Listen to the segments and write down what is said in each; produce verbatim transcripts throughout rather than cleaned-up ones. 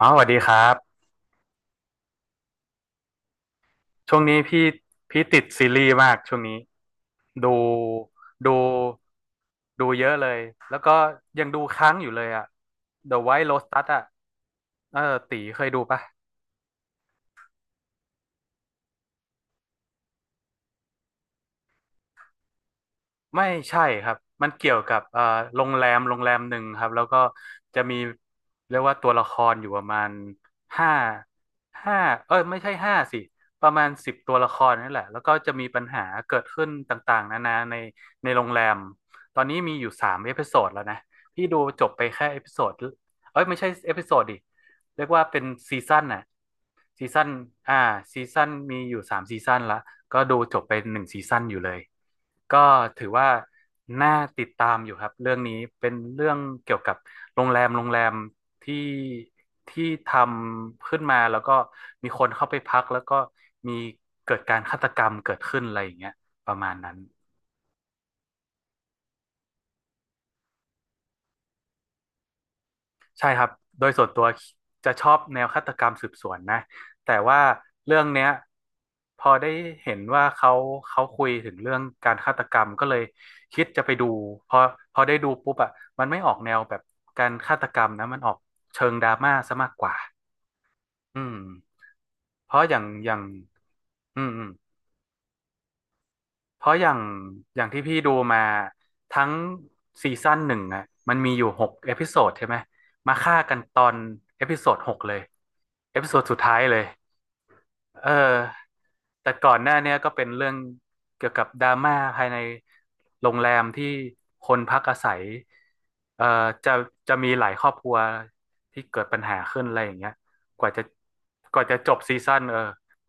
อ๋อสวัสดีครับ ช่วงนี้พี่พี่ติดซีรีส์มากช่วงนี้ ดูดูดูเยอะเลย แล้วก็ยังดูค้างอยู่เลยอะ The White Lotus อะเออตีเคยดูปะ ไม่ใช่ครับ มันเกี่ยวกับเอ่อโรงแรมโรงแรมหนึ่งครับแล้วก็จะมีเรียกว่าตัวละครอยู่ประมาณห้าห้าเอ้ยไม่ใช่ห้าสิประมาณสิบตัวละครนี่แหละแล้วก็จะมีปัญหาเกิดขึ้นต่างๆนานาในในโรงแรม ตอนนี้มีอยู่สามเอพิโซดแล้วนะพี่ดูจบไปแค่เอพิโซดเอ้ยไม่ใช่เอพิโซดดิเรียกว่าเป็นซีซั่นน่ะ ซีซั่นอ่าซีซั่นมีอยู่สามซีซั่นละก็ดูจบไปหนึ่งซีซั่นอยู่เลย ก็ถือว่าน่าติดตามอยู่ครับ เรื่องนี้เป็นเรื่องเกี่ยวกับโรงแรมโรงแรมที่ที่ทำขึ้นมาแล้วก็มีคนเข้าไปพักแล้วก็มีเกิดการฆาตกรรมเกิดขึ้นอะไรอย่างเงี้ยประมาณนั้น ใช่ครับ โดยส่วนตัวจะชอบแนวฆาตกรรมสืบสวนนะแต่ว่าเรื่องเนี้ยพอได้เห็นว่าเขาเขาคุยถึงเรื่องการฆาตกรรมก็เลยคิดจะไปดู พอพอได้ดูปุ๊บอ่ะมันไม่ออกแนวแบบการฆาตกรรมนะมันออกเชิงดราม่าซะมากกว่าอืมเพราะอย่างอย่างอืมอืม เพราะอย่างอย่างที่พี่ดูมาทั้งซีซั่นหนึ่งอะมันมีอยู่หกเอพิโซดใช่ไหมมาฆ่ากันตอนเอพิโซดหกเลยเอพิโซดสุดท้ายเลยเออแต่ก่อนหน้าเนี้ยก็เป็นเรื่องเกี่ยวกับดราม่าภายในโรงแรมที่คนพักอาศัยเอ่อจะจะมีหลายครอบครัวที่เกิดปัญหาขึ้นอะไรอย่างเงี้ยกว่าจะกว่าจะจบซีซั่นเออ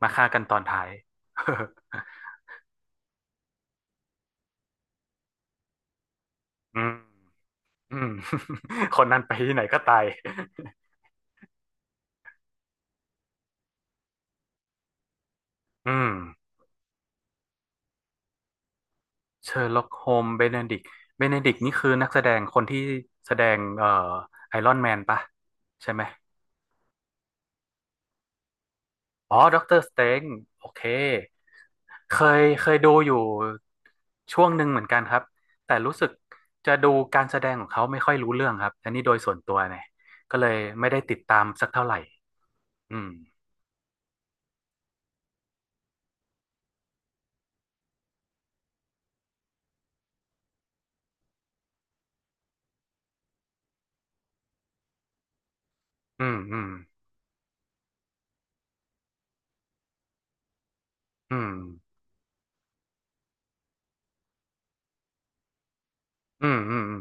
มาฆ่ากันตอนท้าย อืม อืม คนนั้นไปที่ไหนก็ตาย อืมเชอร์ล็อกโฮมเบเนดิกเบเนดิกนี่คือนักแสดงคนที่แสดงเอ่อไอรอนแมนปะใช่ไหมอ๋อด็อกเตอร์สเตนโอเคเคยเคยดูอยู่ช่วงหนึ่งเหมือนกันครับแต่รู้สึกจะดูการแสดงของเขาไม่ค่อยรู้เรื่องครับอันนี้โดยส่วนตัวเนี่ยก็เลยไม่ได้ติดตามสักเท่าไหร่ อืมอืมอืมอืมอืมอืมอืม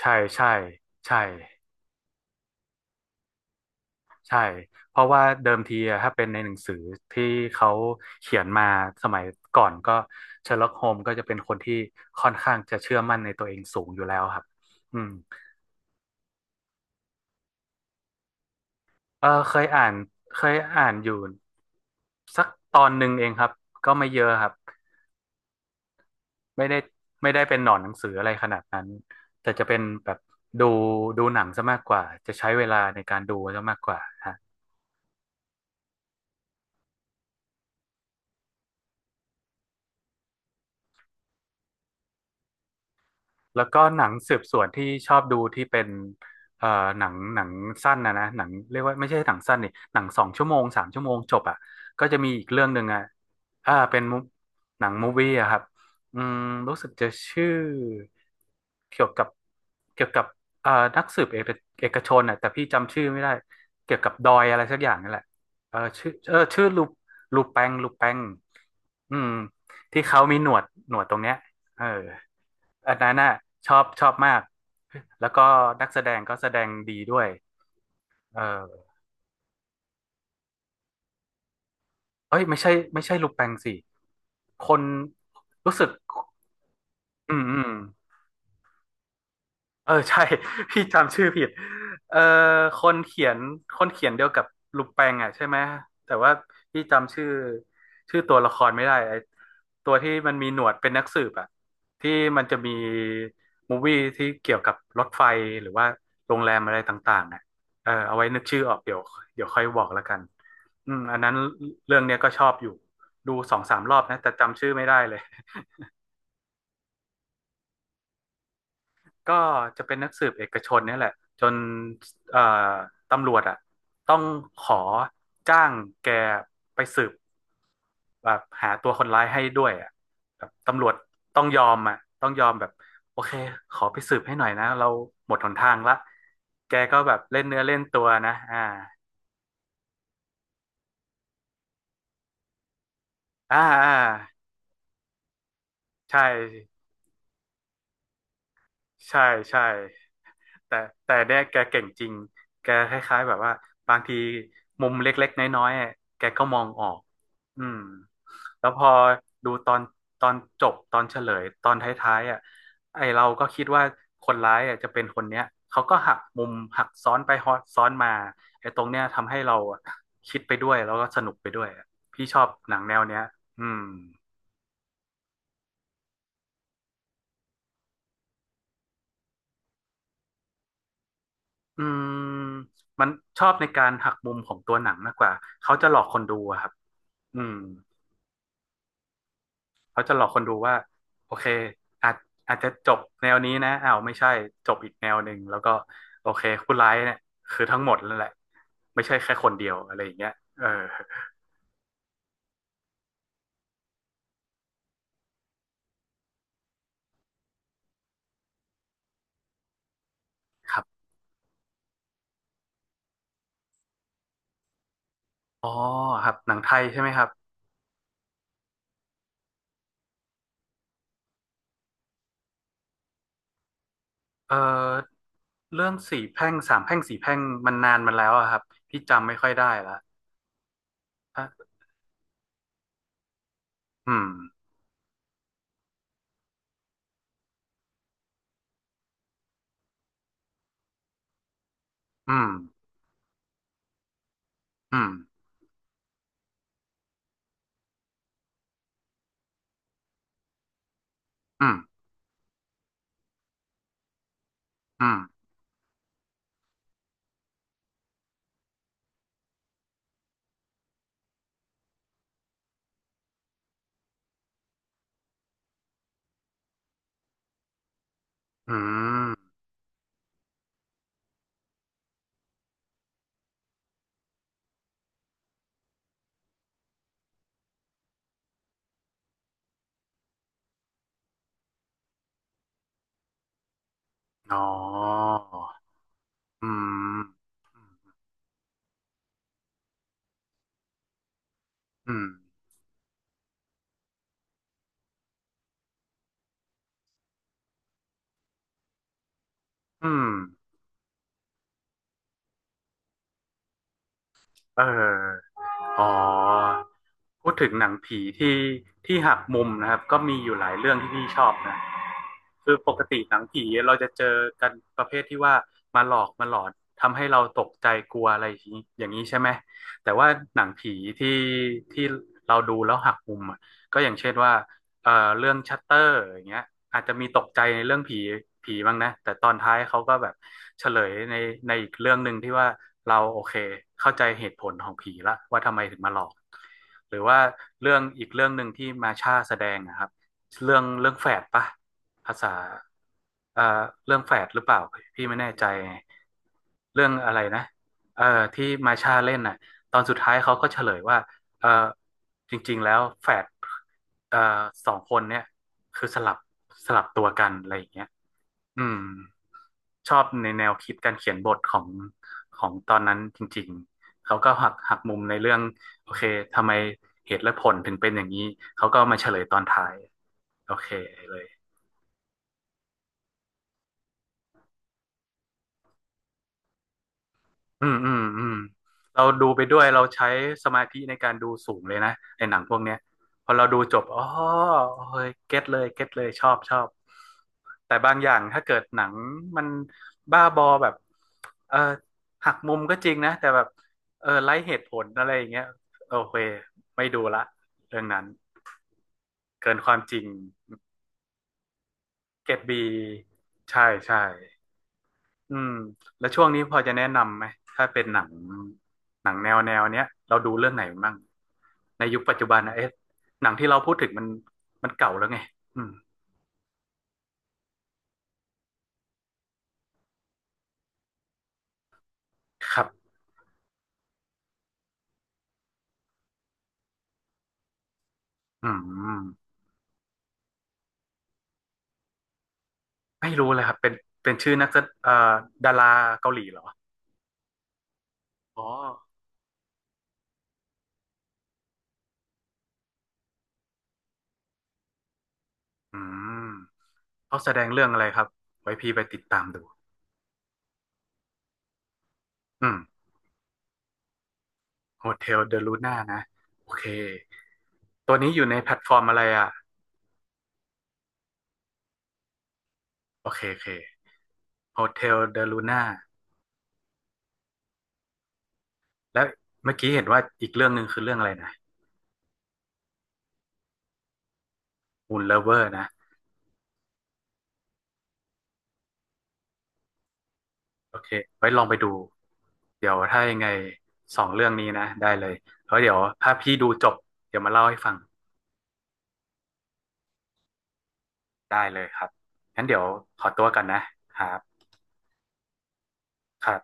ใช่ใช่ใช่ ใช่ เพราะว่าเดิมทีอะถ้าเป็นในหนังสือที่เขาเขียนมาสมัยก่อนก็เชอร์ล็อกโฮมก็จะเป็นคนที่ค่อนข้างจะเชื่อมั่นในตัวเองสูงอยู่แล้วครับอืมเออเคยอ่านเคยอ่านอยู่สักตอนหนึ่งเองครับก็ไม่เยอะครับไม่ได้ไม่ได้เป็นหนอนหนังสืออะไรขนาดนั้นแต่จะเป็นแบบดูดูหนังซะมากกว่าจะใช้เวลาในการดูซะมากกว่าฮะ แล้วก็หนังสืบสวนที่ชอบดูที่เป็นเอ่อหนังหนังสั้นนะนะหนังเรียกว่าไม่ใช่หนังสั้นนี่หนังสองชั่วโมงสามชั่วโมงจบอ่ะก็จะมีอีกเรื่องหนึ่งอ่ะอ่าเป็น mo- หนังมูวี่อะครับอืมรู้สึกจะชื่อเกี่ยวกับเกี่ยวกับเอ่อนักสืบเอกเอกชนอ่ะแต่พี่จำชื่อไม่ได้เกี่ยวกับดอยอะไรสักอย่างนั่นแหละเออชื่อเออชื่อลูลูแปงลูแปงอืมที่เขามีหนวดหนวดตรงเนี้ยเออ อันนั้นน่ะชอบชอบมากแล้วก็นักแสดงก็แสดงดีด้วยเออเอ้ยไม่ใช่ไม่ใช่ลูแปงสิคนรู้สึกอืมอืม เออใช่ พี่จำชื่อผิดเออคนเขียนคนเขียนเดียวกับลุงแปงอ่ะใช่ไหมแต่ว่าพี่จำชื่อชื่อตัวละครไม่ได้ไอ้ตัวที่มันมีหนวดเป็นนักสืบอ่ะที่มันจะมีมูวี่ที่เกี่ยวกับรถไฟหรือว่าโรงแรมอะไรต่างๆอ่ะเออเอาไว้นึกชื่อออกเดี๋ยวเดี๋ยวค่อยบอกแล้วกันอืมอันนั้นเรื่องเนี้ยก็ชอบอยู่ดูสองสามรอบนะแต่จำชื่อไม่ได้เลย ก็จะเป็นนักสืบเอกชนเนี่ยแหละจนเอ่อตำรวจอ่ะต้องขอจ้างแกไปสืบแบบหาตัวคนร้ายให้ด้วยอ่ะแบบตำรวจต้องยอมอ่ะต้องยอมแบบโอเคขอไปสืบให้หน่อยนะเราหมดหนทางละแกก็แบบเล่นเนื้อเล่นตัวนะอ่าอ่าอ่าใช่ใช่ใช่ แต่แต่เนี่ยแกเก่งจริงแกคล้ายๆแบบว่าบางทีมุมเล็กๆน้อยๆอะแกก็มองออกอืมแล้วพอดูตอนตอนจบตอนเฉลยตอนท้ายๆอ่ะไอเราก็คิดว่าคนร้ายอ่ะจะเป็นคนเนี้ยเขาก็หักมุมหักซ้อนไปฮอซ้อนมาไอตรงเนี้ยทำให้เราอะคิดไปด้วยแล้วก็สนุกไปด้วยอะพี่ชอบหนังแนวเนี้ยอืมอืมมันชอบในการหักมุมของตัวหนังมากกว่าเขาจะหลอกคนดูอะครับอืม เขาจะหลอกคนดูว่าโอเคอาจอาจจะจบแนวนี้นะอ้าวไม่ใช่จบอีกแนวหนึ่งแล้วก็โอเคผู้ร้ายเนี่ยคือทั้งหมดนั่นแหละไม่ใช่แค่คนเดียวอะไรอย่างเงี้ยเออครับอ๋อครับหนังไทยใช่ไหมครับเออเรื่องสี่แพร่งสามแพร่งสี่แพร่งมันนานมันแล้วอะครับพี่จำไม่ค่อยได้ละอ่ะอืมอืมอืมอืมอืมอืมอ๋ออืมอืมอืมเออ อ๋อพูดถึงหนังผีที่ที่หักมุมนะครับก็มีอยู่หลายเรื่องที่พี่ชอบนะ คือปกติหนังผีเราจะเจอกันประเภทที่ว่ามาหลอกมาหลอนทำให้เราตกใจกลัวอะไรอย่างนี้อย่างนี้ใช่ไหมแต่ว่าหนังผีที่ที่เราดูแล้วหักมุมอะก็อย่างเช่นว่าเอ่อเรื่องชัตเตอร์อย่างเงี้ยอาจจะมีตกใจในเรื่องผีผีบ้างนะแต่ตอนท้ายเขาก็แบบเฉลยในในอีกเรื่องหนึ่งที่ว่าเราโอเคเข้าใจเหตุผลของผีละว่าทำไมถึงมาหลอกหรือว่าเรื่องอีกเรื่องหนึ่งที่มาช่าแสดงนะครับเรื่องเรื่องแฝดปะ ภาษาเอ่อเรื่องแฝดหรือเปล่าพี่ไม่แน่ใจเรื่องอะไรนะเอ่อที่มาชาเล่นน่ะตอนสุดท้ายเขาก็เฉลยว่าเอ่อจริงๆแล้วแฝดเอ่อสองคนเนี่ยคือสลับสลับตัวกันอะไรอย่างเงี้ยอืมชอบในแนวคิดการเขียนบทของของตอนนั้นจริงๆเขาก็หักหักมุมในเรื่องโอเคทำไมเหตุและผลถึงเป็นอย่างนี้เขาก็มาเฉลยตอนท้ายโอเคเลย อืมอืมอืมเราดูไปด้วยเราใช้สมาธิในการดูสูงเลยนะในหนังพวกเนี้ยพอเราดูจบอ๋อเฮ้ยเก็ตเลยเก็ตเลยชอบชอบแต่บางอย่างถ้าเกิดหนังมันบ้าบอแบบเออหักมุมก็จริงนะแต่แบบเออไร้เหตุผลอะไรอย่างเงี้ยโอเคไม่ดูละเรื่องนั้นเกินความจริงเกรดบีใช่ใช่ อืมแล้วช่วงนี้พอจะแนะนำไหมถ้าเป็นหนังหนังแนวแนวเนี้ยเราดูเรื่องไหนมั่งในยุคปัจจุบันนะเอ๊ะหนังที่เราพูดถึงมันมันเก่าแล้วไงอืมครับอืมไม่รู้เลยครับเป็นเป็นชื่อนักแสเอ่อดาราเกาหลีเหรออ๋ออืมเขาแสดงเรื่องอะไรครับไว้พี่ไปติดตามดูอืมโฮเทลเดลูน่านะโอเคตัวนี้อยู่ในแพลตฟอร์มอะไรอ่ะโอเคโอเคโฮเทลเดลูน่า แล้วเมื่อกี้เห็นว่าอีกเรื่องหนึ่งคือเรื่องอะไรนะ มูน เลิฟเวอร์ นะโอเคไว้ลองไปดูเดี๋ยวถ้ายังไงสองเรื่องนี้นะได้เลยแล้วเดี๋ยวถ้าพี่ดูจบเดี๋ยวมาเล่าให้ฟังได้เลยครับงั้นเดี๋ยวขอตัวก่อนนะครับครับ